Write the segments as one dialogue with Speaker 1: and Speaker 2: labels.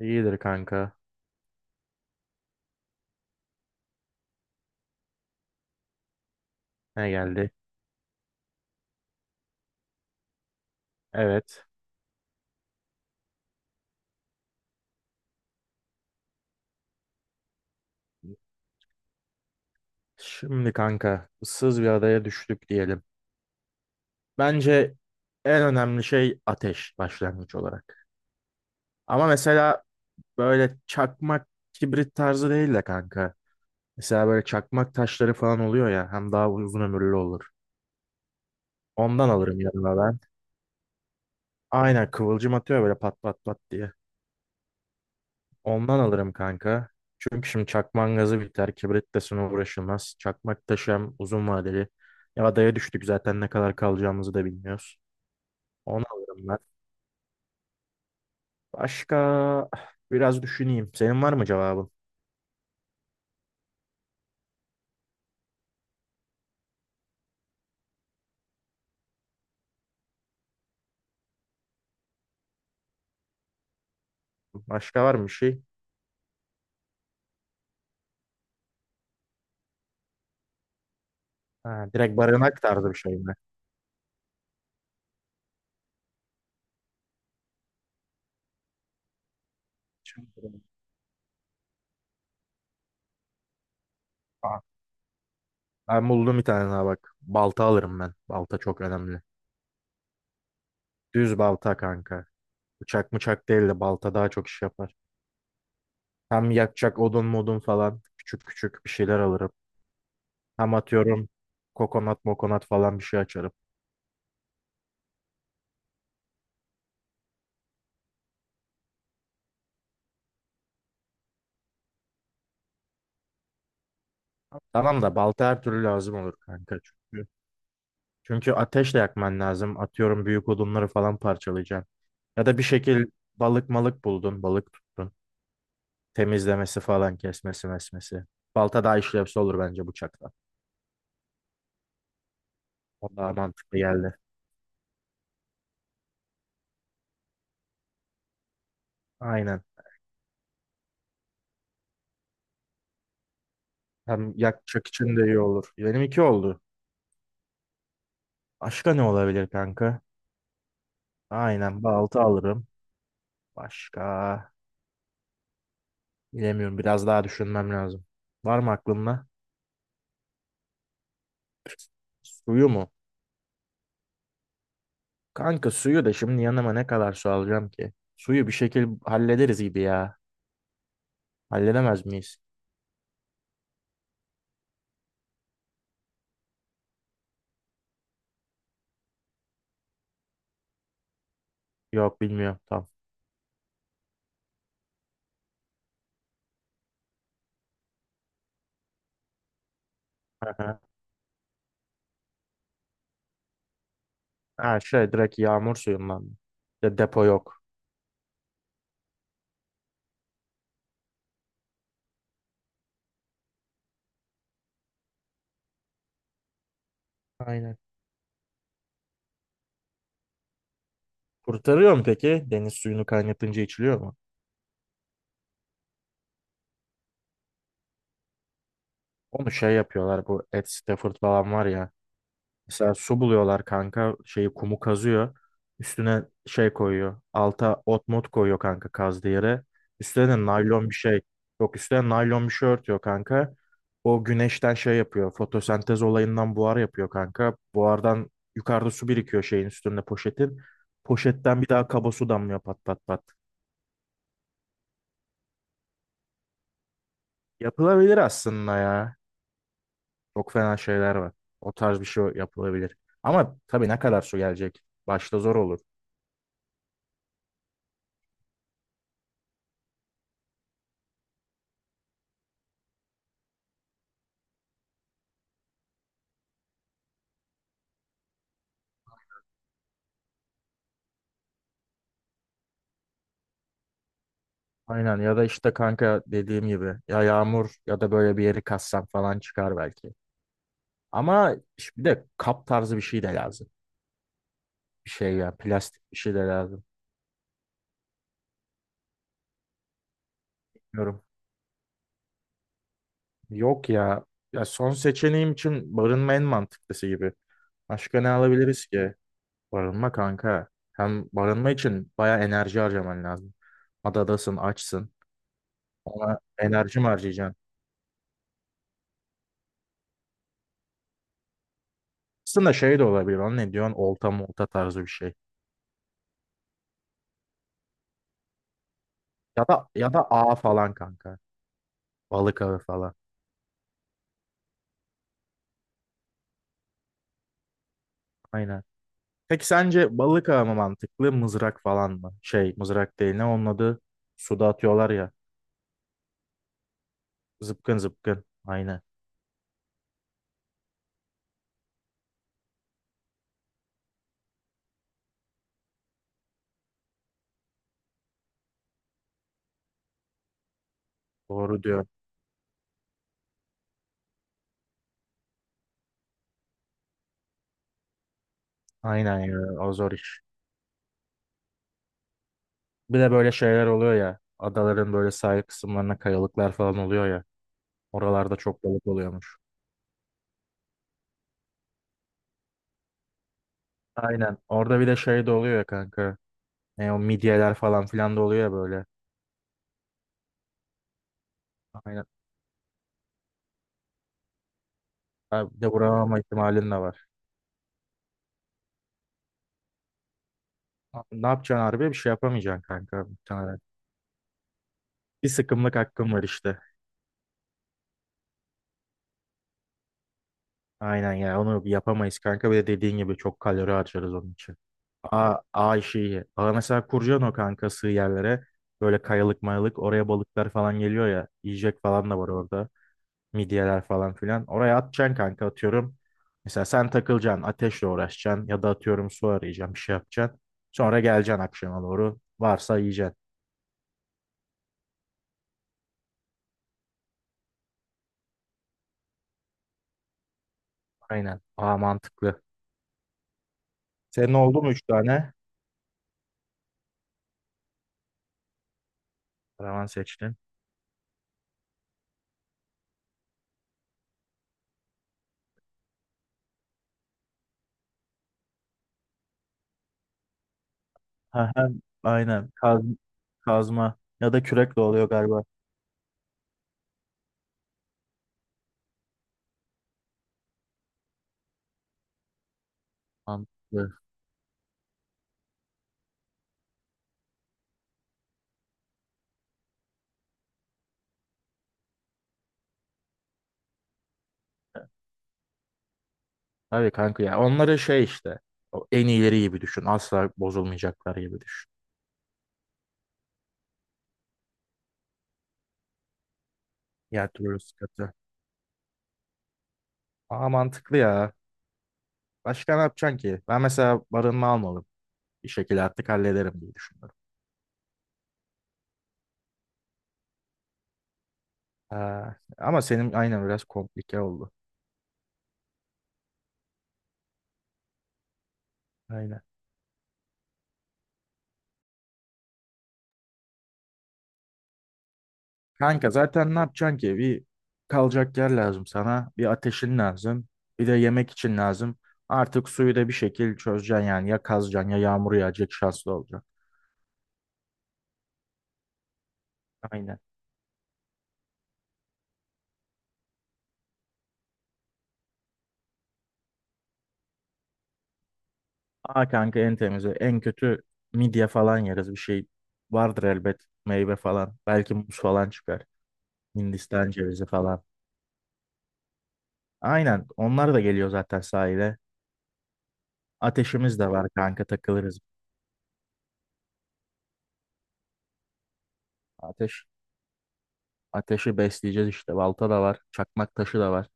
Speaker 1: İyidir kanka. Ne geldi? Evet. Şimdi kanka ıssız bir adaya düştük diyelim. Bence en önemli şey ateş başlangıç olarak. Ama mesela böyle çakmak kibrit tarzı değil de kanka. Mesela böyle çakmak taşları falan oluyor ya hem daha uzun ömürlü olur. Ondan alırım yanıma ben. Aynen kıvılcım atıyor böyle pat pat pat diye. Ondan alırım kanka. Çünkü şimdi çakmağın gazı biter. Kibrit de uğraşılmaz. Çakmak taşı hem uzun vadeli. Ya adaya düştük zaten ne kadar kalacağımızı da bilmiyoruz. Onu alırım ben. Başka biraz düşüneyim. Senin var mı cevabın? Başka var mı bir şey? Ha, direkt barınak tarzı bir şey mi? Çankırı. Aa, ben buldum bir tane daha bak. Balta alırım ben. Balta çok önemli. Düz balta kanka. Bıçak mıçak değil de balta daha çok iş yapar. Hem yakacak odun modun falan. Küçük küçük bir şeyler alırım. Hem atıyorum kokonat mokonat falan bir şey açarım. Tamam da balta her türlü lazım olur kanka. Çünkü, çünkü ateşle yakman lazım. Atıyorum büyük odunları falan parçalayacaksın. Ya da bir şekil balık malık buldun, balık tuttun. Temizlemesi falan, kesmesi mesmesi. Balta daha işlevsel olur bence bıçakla. O daha mantıklı geldi. Aynen. Hem yakacak için de iyi olur. Benim iki oldu. Başka ne olabilir kanka? Aynen balta alırım. Başka. Bilemiyorum. Biraz daha düşünmem lazım. Var mı aklında? Suyu mu? Kanka suyu da şimdi yanıma ne kadar su alacağım ki? Suyu bir şekil hallederiz gibi ya. Halledemez miyiz? Yok bilmiyorum. Tamam. Aha. Ha şey direkt yağmur suyundan mı? Ya depo yok. Aynen. Kurtarıyor mu peki? Deniz suyunu kaynatınca içiliyor mu? Onu şey yapıyorlar, bu Ed Stafford falan var ya. Mesela su buluyorlar kanka. Şeyi kumu kazıyor. Üstüne şey koyuyor. Alta ot mot koyuyor kanka kazdığı yere. Üstüne de naylon bir şey. Yok üstüne naylon bir şey örtüyor kanka. O güneşten şey yapıyor. Fotosentez olayından buhar yapıyor kanka. Buhardan yukarıda su birikiyor şeyin üstünde poşetin. Poşetten bir daha kaba su damlıyor pat pat pat. Yapılabilir aslında ya. Çok fena şeyler var. O tarz bir şey yapılabilir. Ama tabii ne kadar su gelecek? Başta zor olur. Aynen ya da işte kanka dediğim gibi ya yağmur ya da böyle bir yeri kassam falan çıkar belki. Ama işte bir de kap tarzı bir şey de lazım. Bir şey ya plastik bir şey de lazım. Bilmiyorum. Yok ya. Ya son seçeneğim için barınma en mantıklısı gibi. Başka ne alabiliriz ki? Barınma kanka. Hem barınma için baya enerji harcaman lazım. Adadasın, açsın. Ona enerji mi harcayacaksın? Aslında şey de olabilir. Onun ne diyorsun? Olta molta tarzı bir şey. Ya da ağ falan kanka. Balık ağı falan. Aynen. Peki sence balık ağı mı mantıklı, mızrak falan mı? Şey, mızrak değil ne onun adı? Suda atıyorlar ya. Zıpkın zıpkın. Aynen. Doğru diyor. Aynen ya. O zor iş. Bir de böyle şeyler oluyor ya. Adaların böyle sahil kısımlarına kayalıklar falan oluyor ya. Oralarda çok balık oluyormuş. Aynen. Orada bir de şey de oluyor ya kanka. Ne o midyeler falan filan da oluyor ya böyle. Aynen. Ha, bir de vuramama ihtimalin de var. Ne yapacaksın harbi? Bir şey yapamayacaksın kanka, muhtemelen. Bir sıkımlık hakkım var işte. Aynen ya onu yapamayız kanka. Bir de dediğin gibi çok kalori harcarız onun için. A, A işi iyi. Aa, mesela kuracaksın o kanka sığ yerlere. Böyle kayalık mayalık oraya balıklar falan geliyor ya. Yiyecek falan da var orada. Midyeler falan filan. Oraya atacaksın kanka atıyorum. Mesela sen takılacaksın ateşle uğraşacaksın. Ya da atıyorum su arayacaksın bir şey yapacaksın. Sonra geleceksin akşama doğru. Varsa yiyeceksin. Aynen. Aa mantıklı. Senin oldu mu üç tane? Karavan seçtin. Ha, hem aynen kaz, kazma ya da kürek de oluyor galiba. Mantıklı. Tabii kanka ya. Onları şey işte. O en iyileri gibi düşün. Asla bozulmayacaklar gibi düşün. Diğer türlü sıkıntı. Aa mantıklı ya. Başka ne yapacaksın ki? Ben mesela barınma almalım. Bir şekilde artık hallederim diye düşünüyorum. Aa, ama senin aynen biraz komplike oldu. Aynen. Kanka zaten ne yapacaksın ki? Bir kalacak yer lazım sana. Bir ateşin lazım. Bir de yemek için lazım. Artık suyu da bir şekil çözeceksin yani. Ya kazacaksın ya yağmur yağacak şanslı olacaksın. Aynen. Aa kanka en temizi. En kötü midye falan yeriz. Bir şey vardır elbet. Meyve falan. Belki muz falan çıkar. Hindistan cevizi falan. Aynen. Onlar da geliyor zaten sahile. Ateşimiz de var kanka takılırız. Ateş. Ateşi besleyeceğiz işte. Balta da var. Çakmak taşı da var.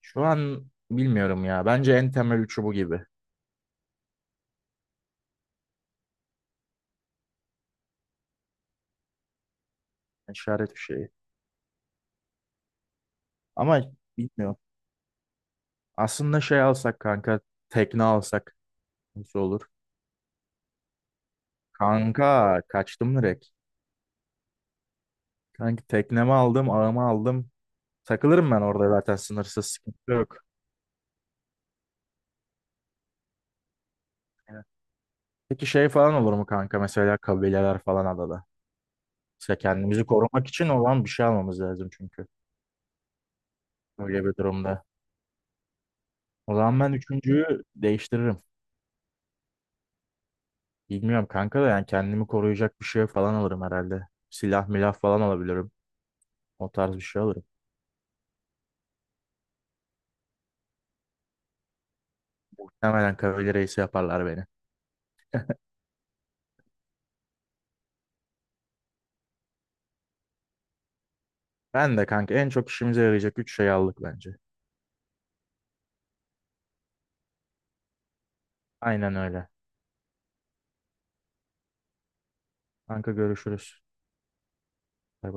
Speaker 1: Şu an bilmiyorum ya. Bence en temel üçü bu gibi. İşaret bir şey. Ama bilmiyorum. Aslında şey alsak kanka. Tekne alsak nasıl olur? Kanka kaçtım direkt. Kanka teknemi aldım, ağımı aldım. Takılırım ben orada zaten sınırsız sıkıntı yok. Evet. Peki şey falan olur mu kanka? Mesela kabileler falan adada. Mesela kendimizi korumak için olan bir şey almamız lazım çünkü. Öyle bir durumda. O zaman ben üçüncüyü değiştiririm. Bilmiyorum kanka da yani kendimi koruyacak bir şey falan alırım herhalde. Silah milah falan alabilirim. O tarz bir şey alırım. Muhtemelen kavali reisi yaparlar beni. Ben de kanka en çok işimize yarayacak 3 şey aldık bence. Aynen öyle. Kanka görüşürüz. Bay bay.